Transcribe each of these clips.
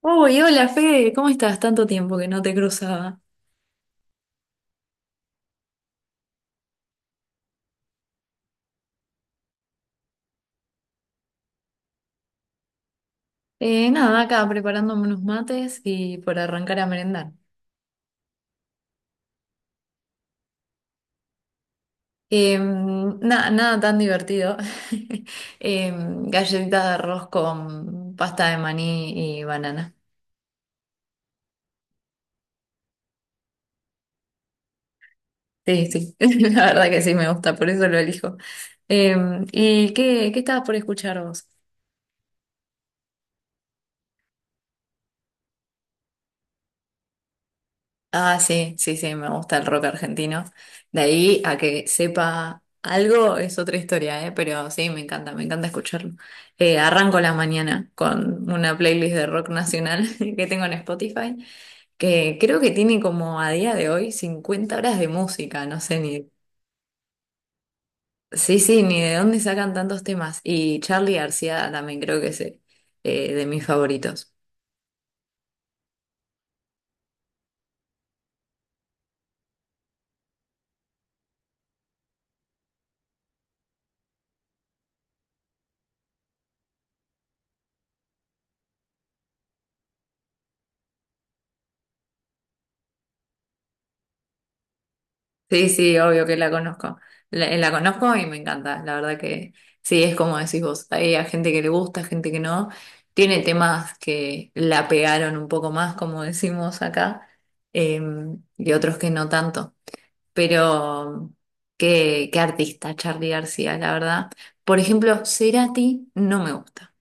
Uy, hola Fede, ¿cómo estás? Tanto tiempo que no te cruzaba. Nada, acá preparándome unos mates y por arrancar a merendar. Nada tan divertido. Galletitas de arroz con pasta de maní y banana. Sí, sí, la verdad que sí me gusta, por eso lo elijo. ¿Y qué estabas por escuchar vos? Ah, sí, sí, sí, me gusta el rock argentino. De ahí a que sepa algo es otra historia, ¿eh? Pero sí, me encanta escucharlo. Arranco la mañana con una playlist de rock nacional que tengo en Spotify, que creo que tiene como a día de hoy 50 horas de música, no sé ni... Sí, sí, ni de dónde sacan tantos temas. Y Charly García también creo que es de mis favoritos. Sí, sí, obvio que la conozco. La conozco y me encanta. La verdad que sí, es como decís vos. Hay a gente que le gusta, gente que no. Tiene temas que la pegaron un poco más, como decimos acá, eh, y otros que no tanto. Pero qué artista, Charly García, la verdad. Por ejemplo, Cerati no me gusta.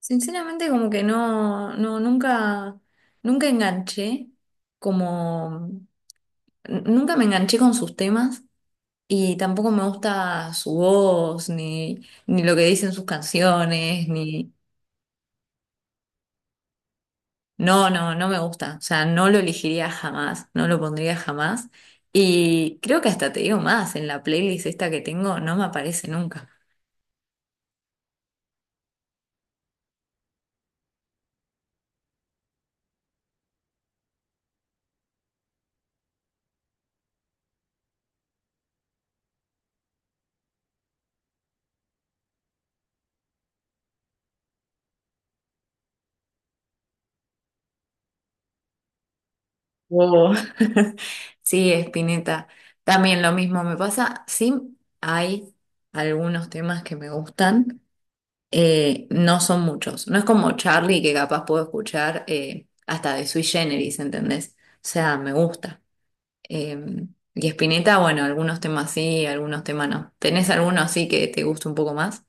Sinceramente, como que no, no, nunca enganché, como nunca me enganché con sus temas. Y tampoco me gusta su voz, ni, ni lo que dicen sus canciones, ni... No, no, no me gusta. O sea, no lo elegiría jamás, no lo pondría jamás. Y creo que hasta te digo más, en la playlist esta que tengo no me aparece nunca. Wow. Sí, Spinetta. También lo mismo me pasa. Sí, hay algunos temas que me gustan, no son muchos. No es como Charlie que capaz puedo escuchar hasta de Sui Generis, ¿entendés? O sea, me gusta. Eh, y Spinetta, bueno, algunos temas sí, algunos temas no. ¿Tenés alguno así que te guste un poco más?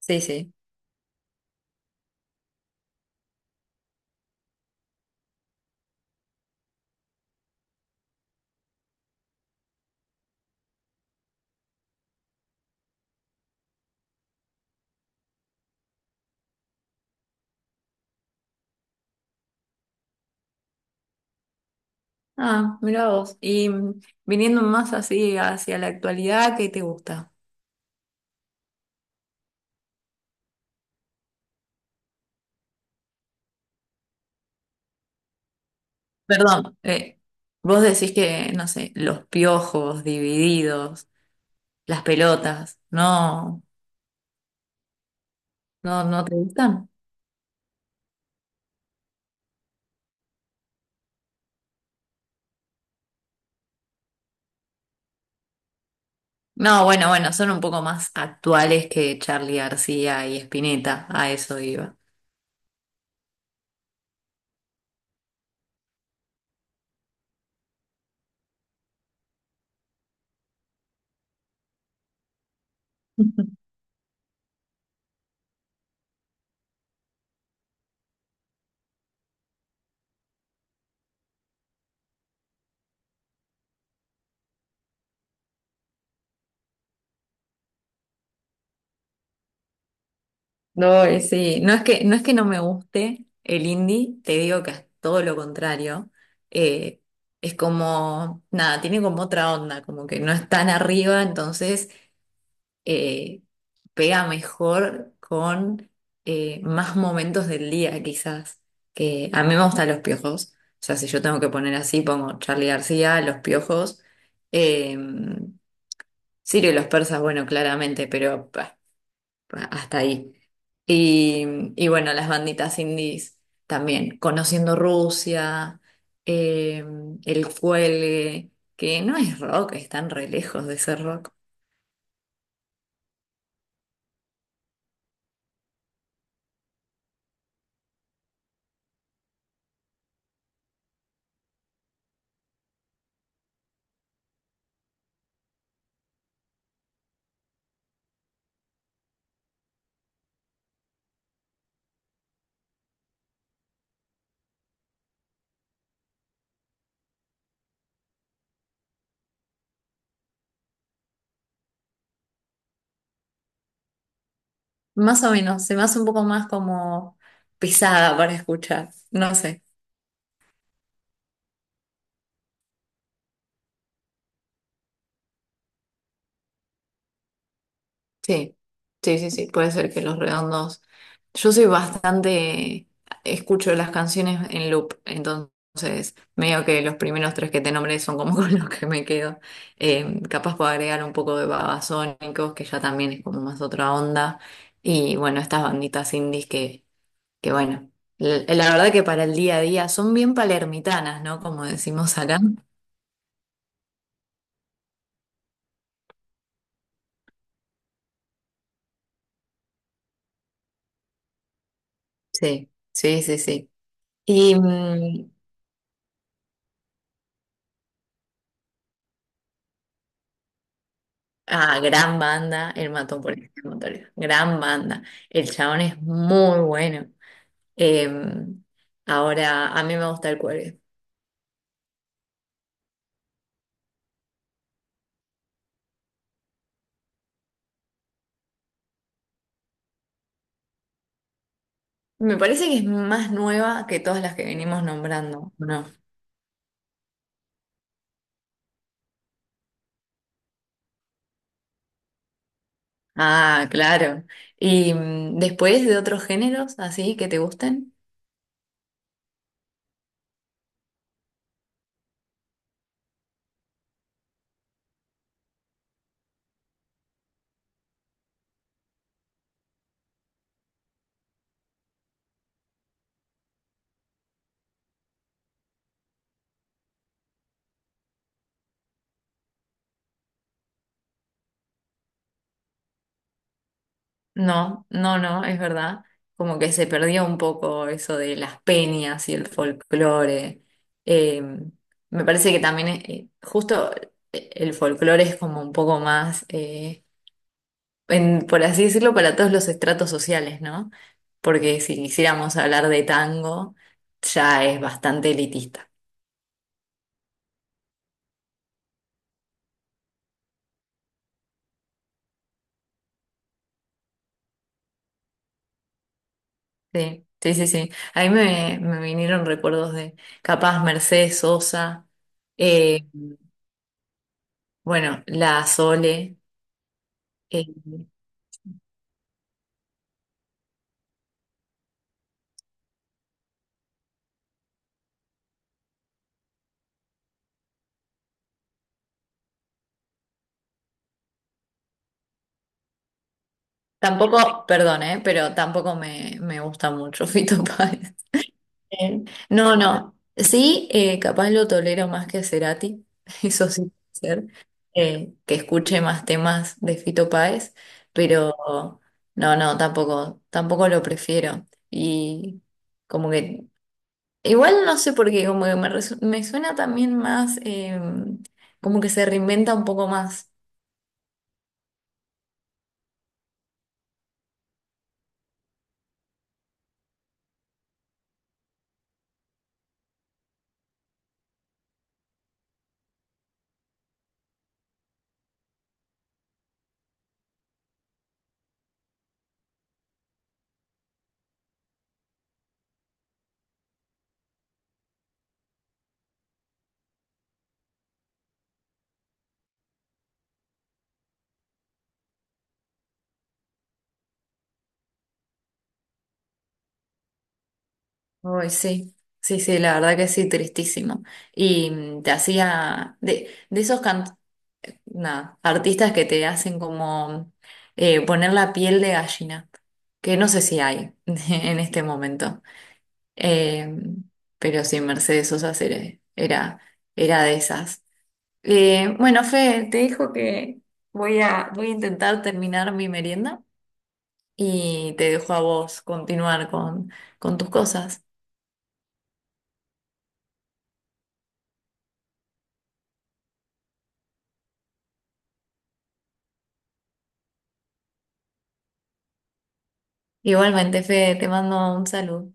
Sí, sí. Ah, mira vos. Y mm, viniendo más así hacia la actualidad, ¿qué te gusta? Perdón, vos decís que, no sé, los piojos, divididos, las pelotas, no, no, no te gustan. No, bueno, bueno, son un poco más actuales que Charly García y Spinetta, a eso iba. No, y sí, no es que no me guste el indie, te digo que es todo lo contrario. Eh, es como, nada, tiene como otra onda, como que no es tan arriba, entonces eh, pega mejor con más momentos del día, quizás. Que a mí me gustan los piojos, o sea, si yo tengo que poner así, pongo Charly García, los piojos. Eh, Sirio y los persas, bueno, claramente, pero pa, hasta ahí. Y bueno, las banditas indies también, conociendo Rusia, eh, el cuelgue, que no es rock, están re lejos de ser rock. Más o menos, se me hace un poco más como pesada para escuchar, no sé. Sí, sí, sí, sí, puede ser que Los Redondos. Yo soy bastante, escucho las canciones en loop, entonces medio que los primeros tres que te nombré son como con los que me quedo. Capaz puedo agregar un poco de Babasónicos, que ya también es como más otra onda. Y bueno, estas banditas indies que bueno, la verdad que para el día a día son bien palermitanas, ¿no? Como decimos acá. Sí, sí, sí, sí. Y mm, ah, gran banda, El Matón Policía Motorizado. Gran banda. El chabón es muy bueno. Eh, Ahora, a mí me gusta el cuelgue. Me parece que es más nueva que todas las que venimos nombrando, ¿no? Ah, claro. ¿Y mm, después de otros géneros así que te gusten? No, no, no, es verdad. Como que se perdió un poco eso de las peñas y el folclore. Eh, Me parece que también, justo el folclore es como un poco más, por así decirlo, para todos los estratos sociales, ¿no? Porque si quisiéramos hablar de tango, ya es bastante elitista. Sí, sí, sí, sí. A mí me vinieron recuerdos de capaz Mercedes Sosa, eh, bueno, la Sole. eh, Tampoco, perdón, ¿eh? Pero tampoco me gusta mucho Fito Páez. Eh, No, no. Sí, capaz lo tolero más que a Cerati, eso sí puede ser, que escuche más temas de Fito Páez, pero no, no, tampoco, tampoco lo prefiero. Y como que, igual no sé por qué, como que me suena también más, como que se reinventa un poco más. Uy, sí, sí, sí, la verdad que sí, tristísimo. Y mm, te hacía de, esos nada, artistas que te hacen como poner la piel de gallina, que no sé si hay en este momento. Eh, pero sí, Mercedes Sosa era de esas. Bueno, Fe, te dijo que voy a intentar terminar mi merienda y te dejo a vos continuar con tus cosas. Igualmente, Fede, te mando un saludo.